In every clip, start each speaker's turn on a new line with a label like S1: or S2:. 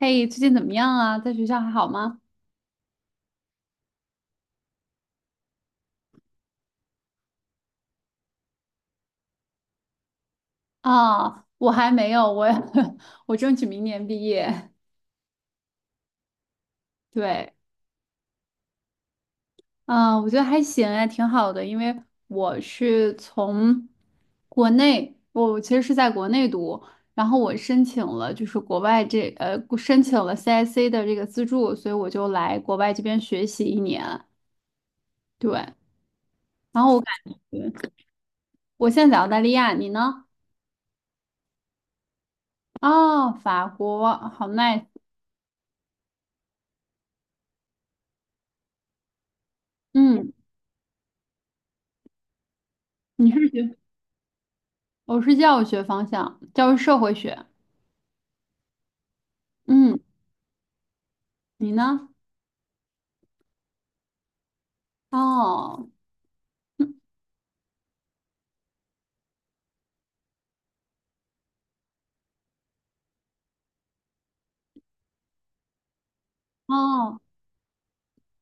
S1: 嘿，最近怎么样啊？在学校还好吗？啊，我还没有，我 我争取明年毕业。对。嗯，我觉得还行哎，挺好的，因为我是从国内，我其实是在国内读，然后我申请了就是国外这申请了 CIC 的这个资助，所以我就来国外这边学习一年。对，然后我感觉我现在在澳大利亚，你呢？哦，法国，好 nice。嗯，你是学？我是教育学方向，教育社会学。嗯，你呢？哦哦，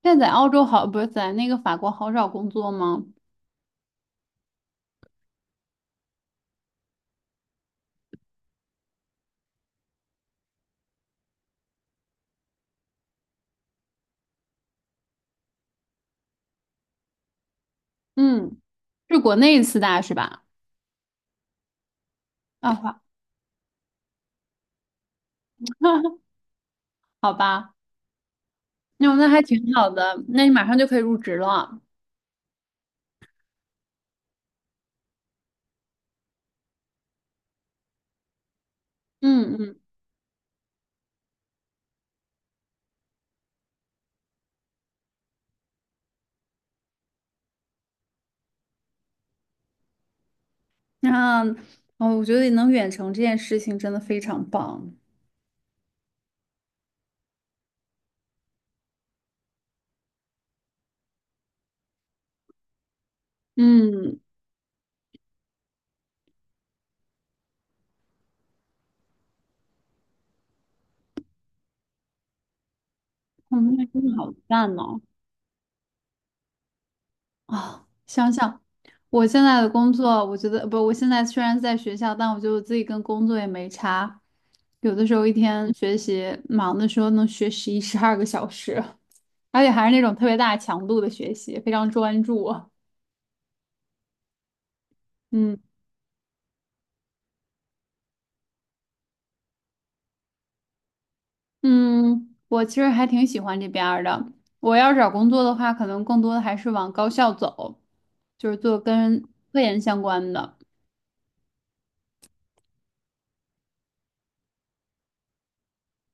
S1: 现在在澳洲好，不是在那个法国好找工作吗？嗯，是国内四大是吧？啊，好。 好吧，那还挺好的，那你马上就可以入职了。嗯嗯，那哦，我觉得能远程这件事情真的非常棒。嗯，我们那真的好赞呢。哦，想想我现在的工作，我觉得不，我现在虽然在学校，但我觉得我自己跟工作也没差。有的时候一天学习忙的时候能学11、12个小时，而且还是那种特别大强度的学习，非常专注啊。嗯嗯，我其实还挺喜欢这边儿的。我要是找工作的话，可能更多的还是往高校走，就是做跟科研相关的。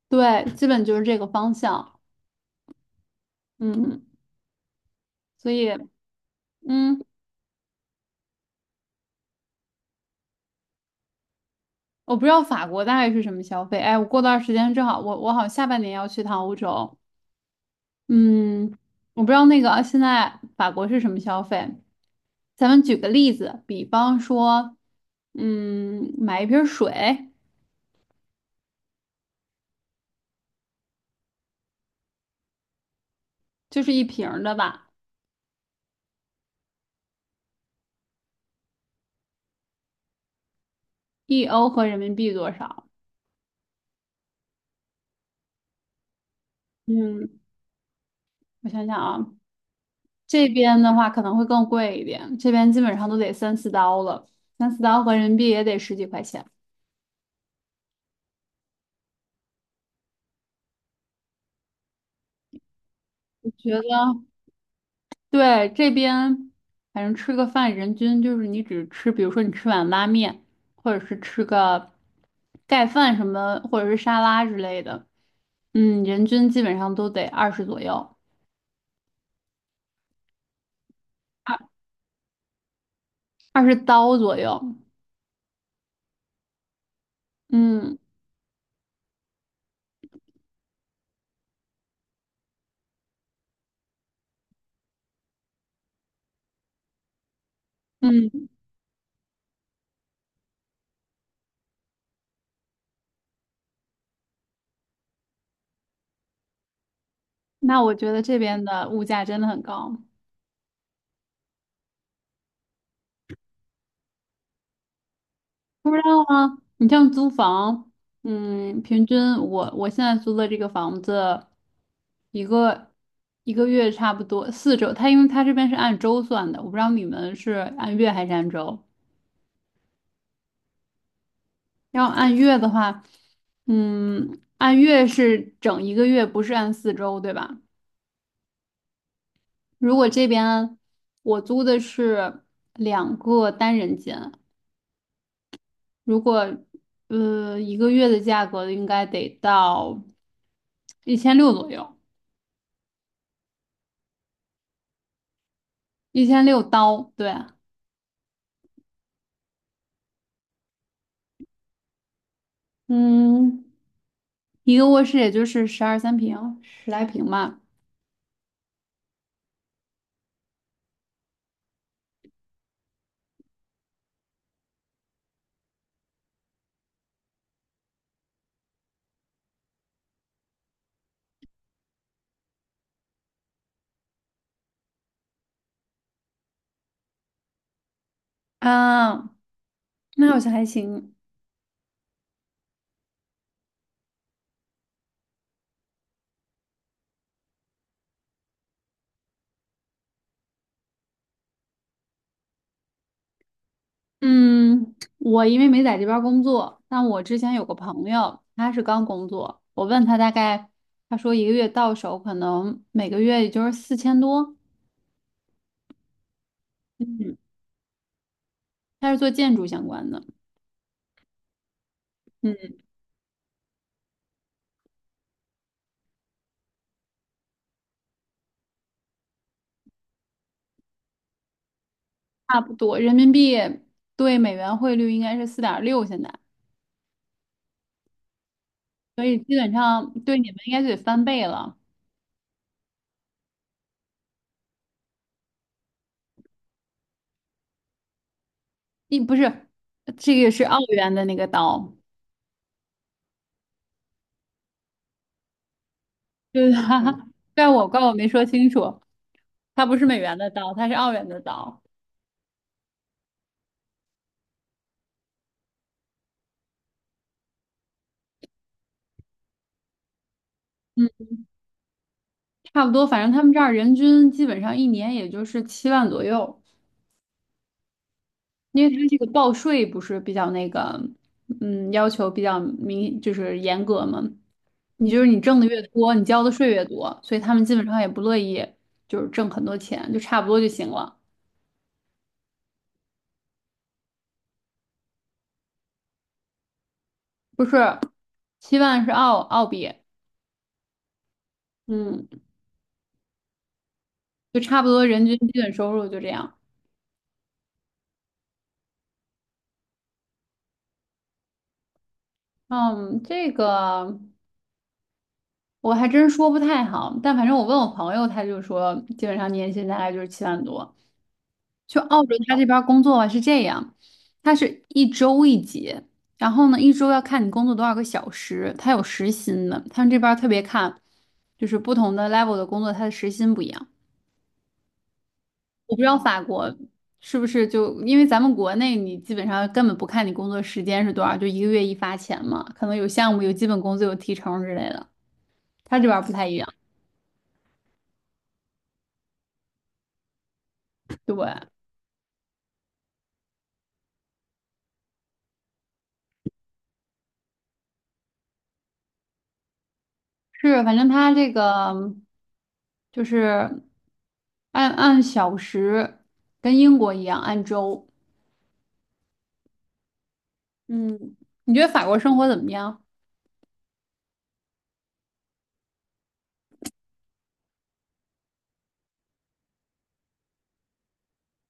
S1: 对，基本就是这个方向。嗯，所以嗯。我不知道法国大概是什么消费。哎，我过段儿时间正好，我好像下半年要去趟欧洲。嗯，我不知道那个现在法国是什么消费。咱们举个例子，比方说，嗯，买一瓶水，就是一瓶儿的吧，1欧合人民币多少？嗯，我想想啊，这边的话可能会更贵一点，这边基本上都得三四刀了，三四刀合人民币也得十几块钱。我觉得。对，这边反正吃个饭，人均就是你只吃，比如说你吃碗拉面，或者是吃个盖饭什么，或者是沙拉之类的，嗯，人均基本上都得二十左右，二二十刀左右。嗯嗯，那我觉得这边的物价真的很高，不知道啊，你像租房，嗯，平均我现在租的这个房子。一个一个月差不多四周，他因为他这边是按周算的，我不知道你们是按月还是按周。要按月的话，嗯，按月是整一个月，不是按四周，对吧？如果这边我租的是2个单人间，如果一个月的价格应该得到一千六左右，1600刀，对啊，嗯，一个卧室也就是12、13平，十来平吧。啊，那好像还行。嗯，我因为没在这边儿工作，但我之前有个朋友，他是刚工作，我问他大概，他说一个月到手可能每个月也就是4000多。嗯，他是做建筑相关的，嗯，差不多人民币对美元汇率应该是4.6现在，所以基本上对你们应该就得翻倍了。一不是，这个是澳元的那个刀，对。是他，怪我怪我没说清楚。它不是美元的刀，它是澳元的刀。嗯，差不多，反正他们这儿人均基本上一年也就是七万左右，因为它这个报税不是比较那个，嗯，要求比较明，就是严格嘛。你就是你挣的越多，你交的税越多，所以他们基本上也不乐意就是挣很多钱，就差不多就行了。不是，七万是澳币，嗯，就差不多人均基本收入就这样。嗯，这个。我还真说不太好，但反正我问我朋友，他就说基本上年薪大概就是7万多。就澳洲他这边儿工作啊是这样，他是一周一结，然后呢一周要看你工作多少个小时，他有时薪的。他们这边儿特别看，就是不同的 level 的工作，他的时薪不一样。我不知道法国是不是就因为咱们国内你基本上根本不看你工作时间是多少，就一个月一发钱嘛，可能有项目有基本工资有提成之类的，他这边儿不太一样，对。是，反正他这个就是按小时，跟英国一样按周。嗯，你觉得法国生活怎么样？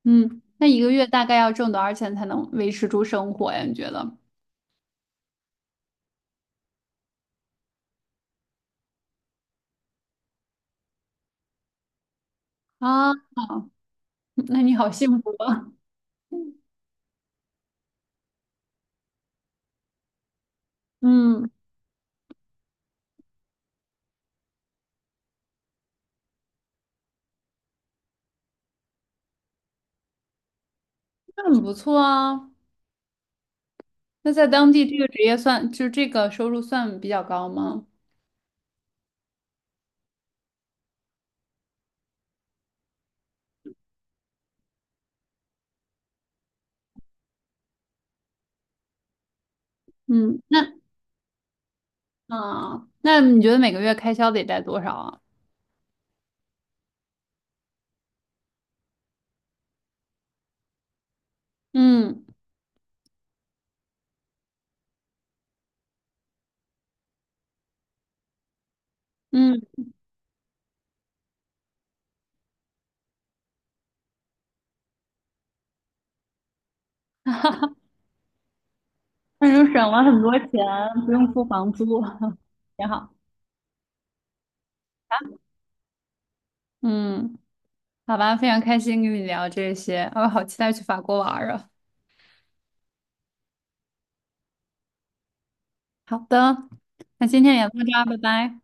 S1: 嗯，那一个月大概要挣多少钱才能维持住生活呀？你觉得？啊，那你好幸福啊 嗯，那很不错啊。那在当地这个职业算，就这个收入算比较高吗？嗯，那啊，那你觉得每个月开销得带多少啊？嗯。嗯，那就省了很多钱，不用付房租，挺好。嗯，好吧，非常开心跟你聊这些，我好期待去法国玩儿啊。好的，那今天也到这儿，拜拜。